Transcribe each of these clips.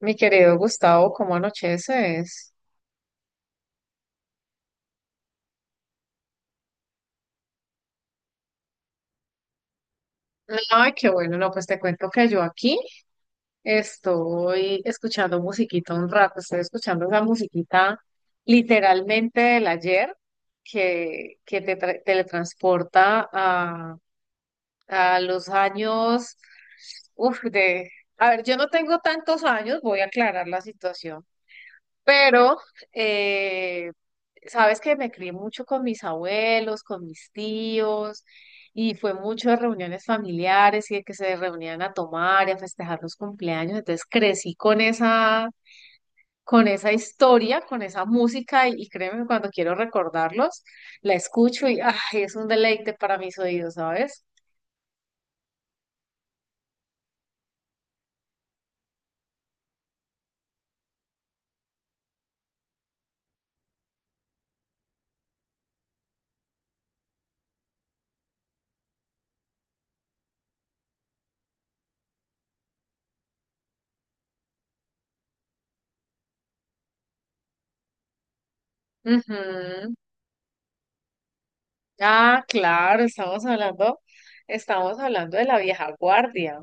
Mi querido Gustavo, ¿cómo anocheces? Ay, qué bueno, no, pues te cuento que yo aquí estoy escuchando musiquita un rato, estoy escuchando esa musiquita literalmente del ayer que te teletransporta a los años, uf, de, a ver, yo no tengo tantos años, voy a aclarar la situación. Pero, eh, sabes que me crié mucho con mis abuelos, con mis tíos, y fue mucho de reuniones familiares y de que se reunían a tomar y a festejar los cumpleaños. Entonces crecí con esa historia, con esa música, y créeme, que cuando quiero recordarlos, la escucho y ay, es un deleite para mis oídos, ¿sabes? Ujú. Ah, claro, estamos hablando de la vieja guardia.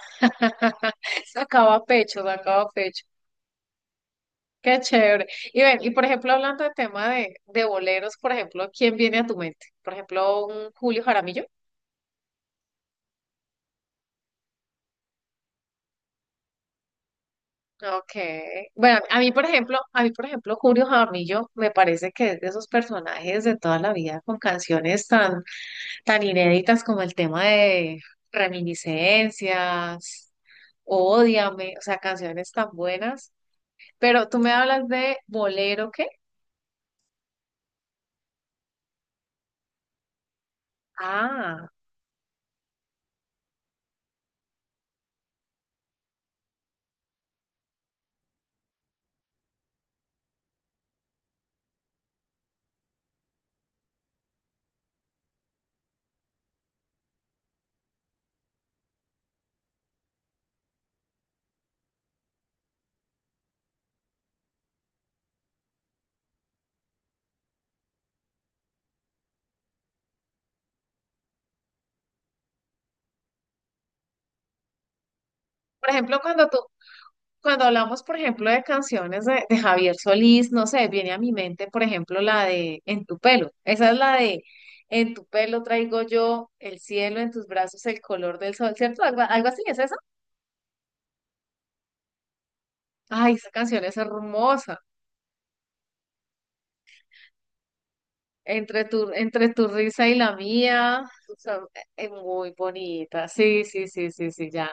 Sacaba pecho, sacaba pecho. Qué chévere. Y ven, y por ejemplo, hablando de tema de boleros, por ejemplo, ¿quién viene a tu mente? Por ejemplo, un Julio Jaramillo. Okay. Bueno, a mí, por ejemplo, a mí, por ejemplo, Julio Jaramillo me parece que es de esos personajes de toda la vida con canciones tan, tan inéditas como el tema de Reminiscencias, Ódiame, o sea, canciones tan buenas. Pero tú me hablas de bolero, ¿qué? Ah, por ejemplo, cuando tú, cuando hablamos, por ejemplo, de canciones de Javier Solís, no sé, viene a mi mente, por ejemplo, la de En tu pelo. Esa es la de En tu pelo traigo yo el cielo, en tus brazos el color del sol, ¿cierto? Algo, algo así, ¿es esa? Ay, esa canción es hermosa. Entre tu risa y la mía, o sea, es muy bonita. Sí, sí, sí, sí, sí, ya.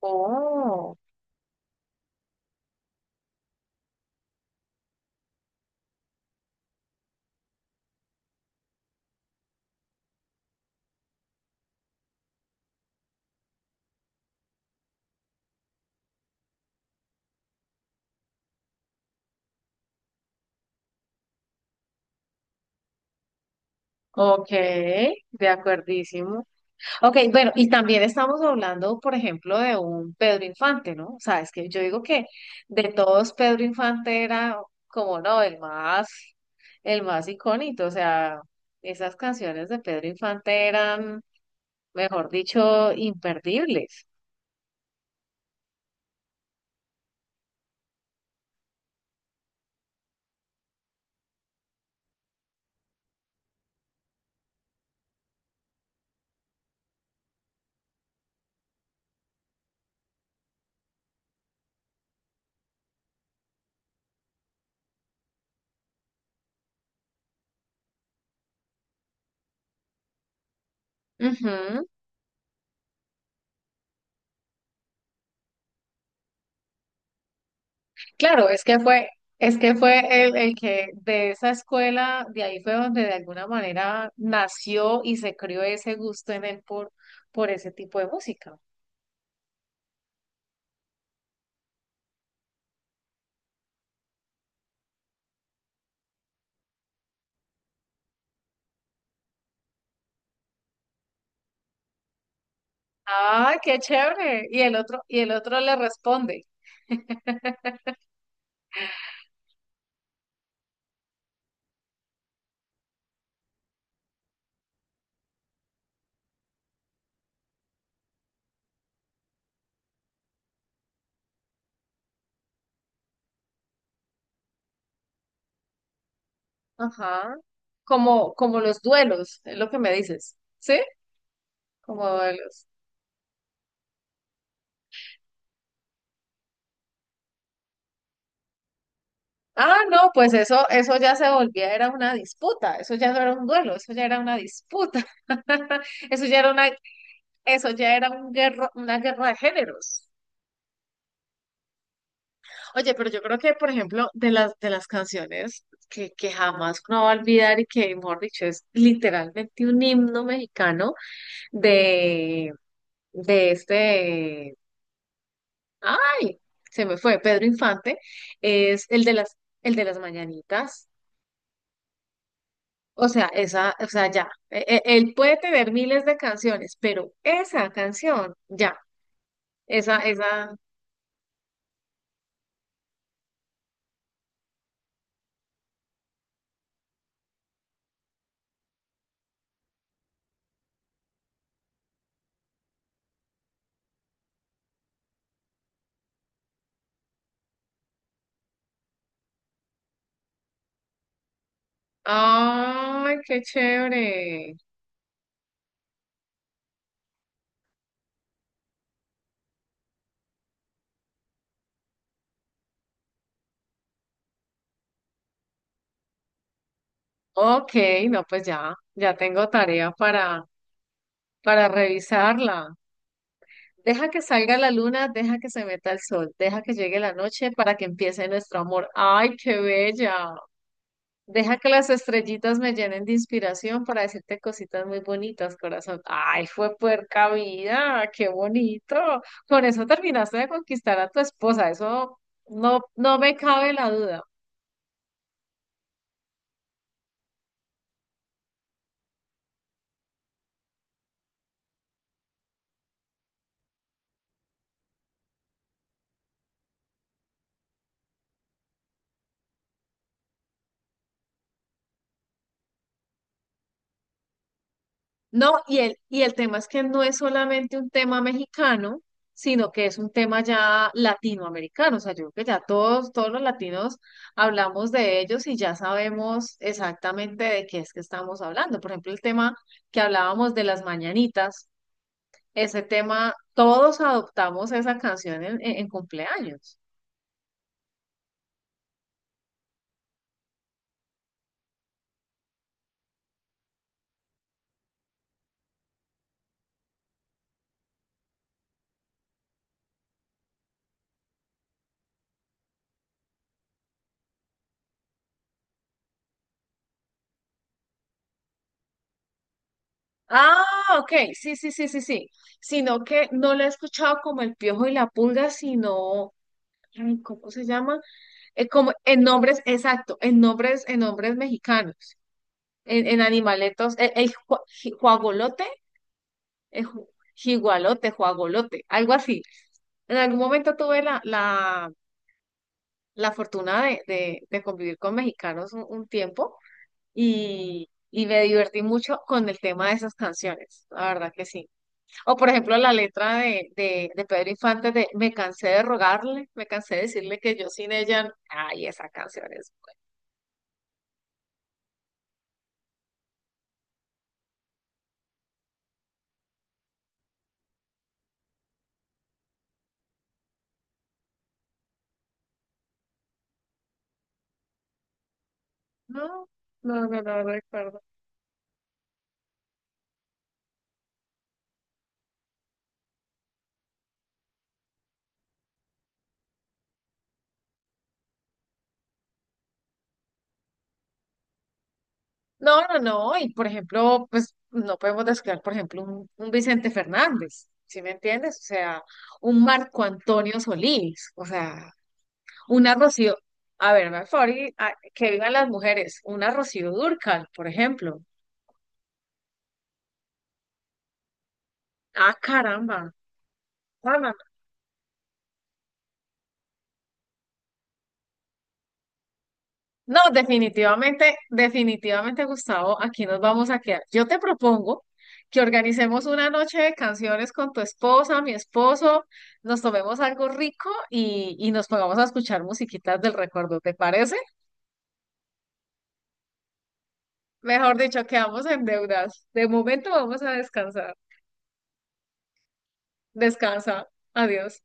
Oh, ok, de acuerdísimo. Ok, bueno, y también estamos hablando, por ejemplo, de un Pedro Infante, ¿no? O sea, es que yo digo que de todos Pedro Infante era como, no, el más icónico, o sea, esas canciones de Pedro Infante eran, mejor dicho, imperdibles. Ujú. Claro, es que fue el que de esa escuela, de ahí fue donde de alguna manera nació y se crió ese gusto en él por ese tipo de música. Ah, qué chévere. Y el otro le responde. Ajá. Como, como los duelos, es lo que me dices. ¿Sí? Como duelos. Ah, no, pues eso ya se volvía, era una disputa. Eso ya no era un duelo, eso ya era una disputa. Eso ya era una, eso ya era un guerra, una guerra de géneros. Oye, pero yo creo que, por ejemplo, de las canciones que jamás uno va a olvidar y que, mejor dicho, es literalmente un himno mexicano de de ay, se me fue, Pedro Infante, es el de las mañanitas. O sea, esa, o sea, ya, él puede tener miles de canciones, pero esa canción, ya, esa, ay, qué chévere. Ok, no, pues ya, ya tengo tarea para revisarla. Deja que salga la luna, deja que se meta el sol, deja que llegue la noche para que empiece nuestro amor. ¡Ay, qué bella! Deja que las estrellitas me llenen de inspiración para decirte cositas muy bonitas, corazón. Ay, fue puerca vida, qué bonito. Con eso terminaste de conquistar a tu esposa, eso no, no me cabe la duda. No, y y el tema es que no es solamente un tema mexicano, sino que es un tema ya latinoamericano. O sea, yo creo que ya todos, todos los latinos hablamos de ellos y ya sabemos exactamente de qué es que estamos hablando. Por ejemplo, el tema que hablábamos de las mañanitas. Ese tema, todos adoptamos esa canción en cumpleaños. Ah, ok, sí, sí, sí, sí, sí. Sino que no la he escuchado como El Piojo y la Pulga, sino, ay, ¿cómo se llama? Como en nombres, exacto, en nombres mexicanos, en animaletos, juagolote, el ju- jigualote, algo así. En algún momento tuve la fortuna de convivir con mexicanos un tiempo. Y, y me divertí mucho con el tema de esas canciones, la verdad que sí. O por ejemplo la letra de Pedro Infante de Me cansé de rogarle, me cansé de decirle que yo sin ella, ay, esa canción es... No, no, no, no recuerdo. No, no, no, y por ejemplo, pues no podemos descuidar, por ejemplo, un Vicente Fernández, ¿sí me entiendes? O sea, un Marco Antonio Solís, o sea, una Rocío, a ver, me favor, que vivan las mujeres, una Rocío Dúrcal, por ejemplo. Ah, caramba. Juana. No, definitivamente, definitivamente, Gustavo, aquí nos vamos a quedar. Yo te propongo que organicemos una noche de canciones con tu esposa, mi esposo, nos tomemos algo rico y nos pongamos a escuchar musiquitas del recuerdo, ¿te parece? Mejor dicho, quedamos en deudas. De momento vamos a descansar. Descansa. Adiós.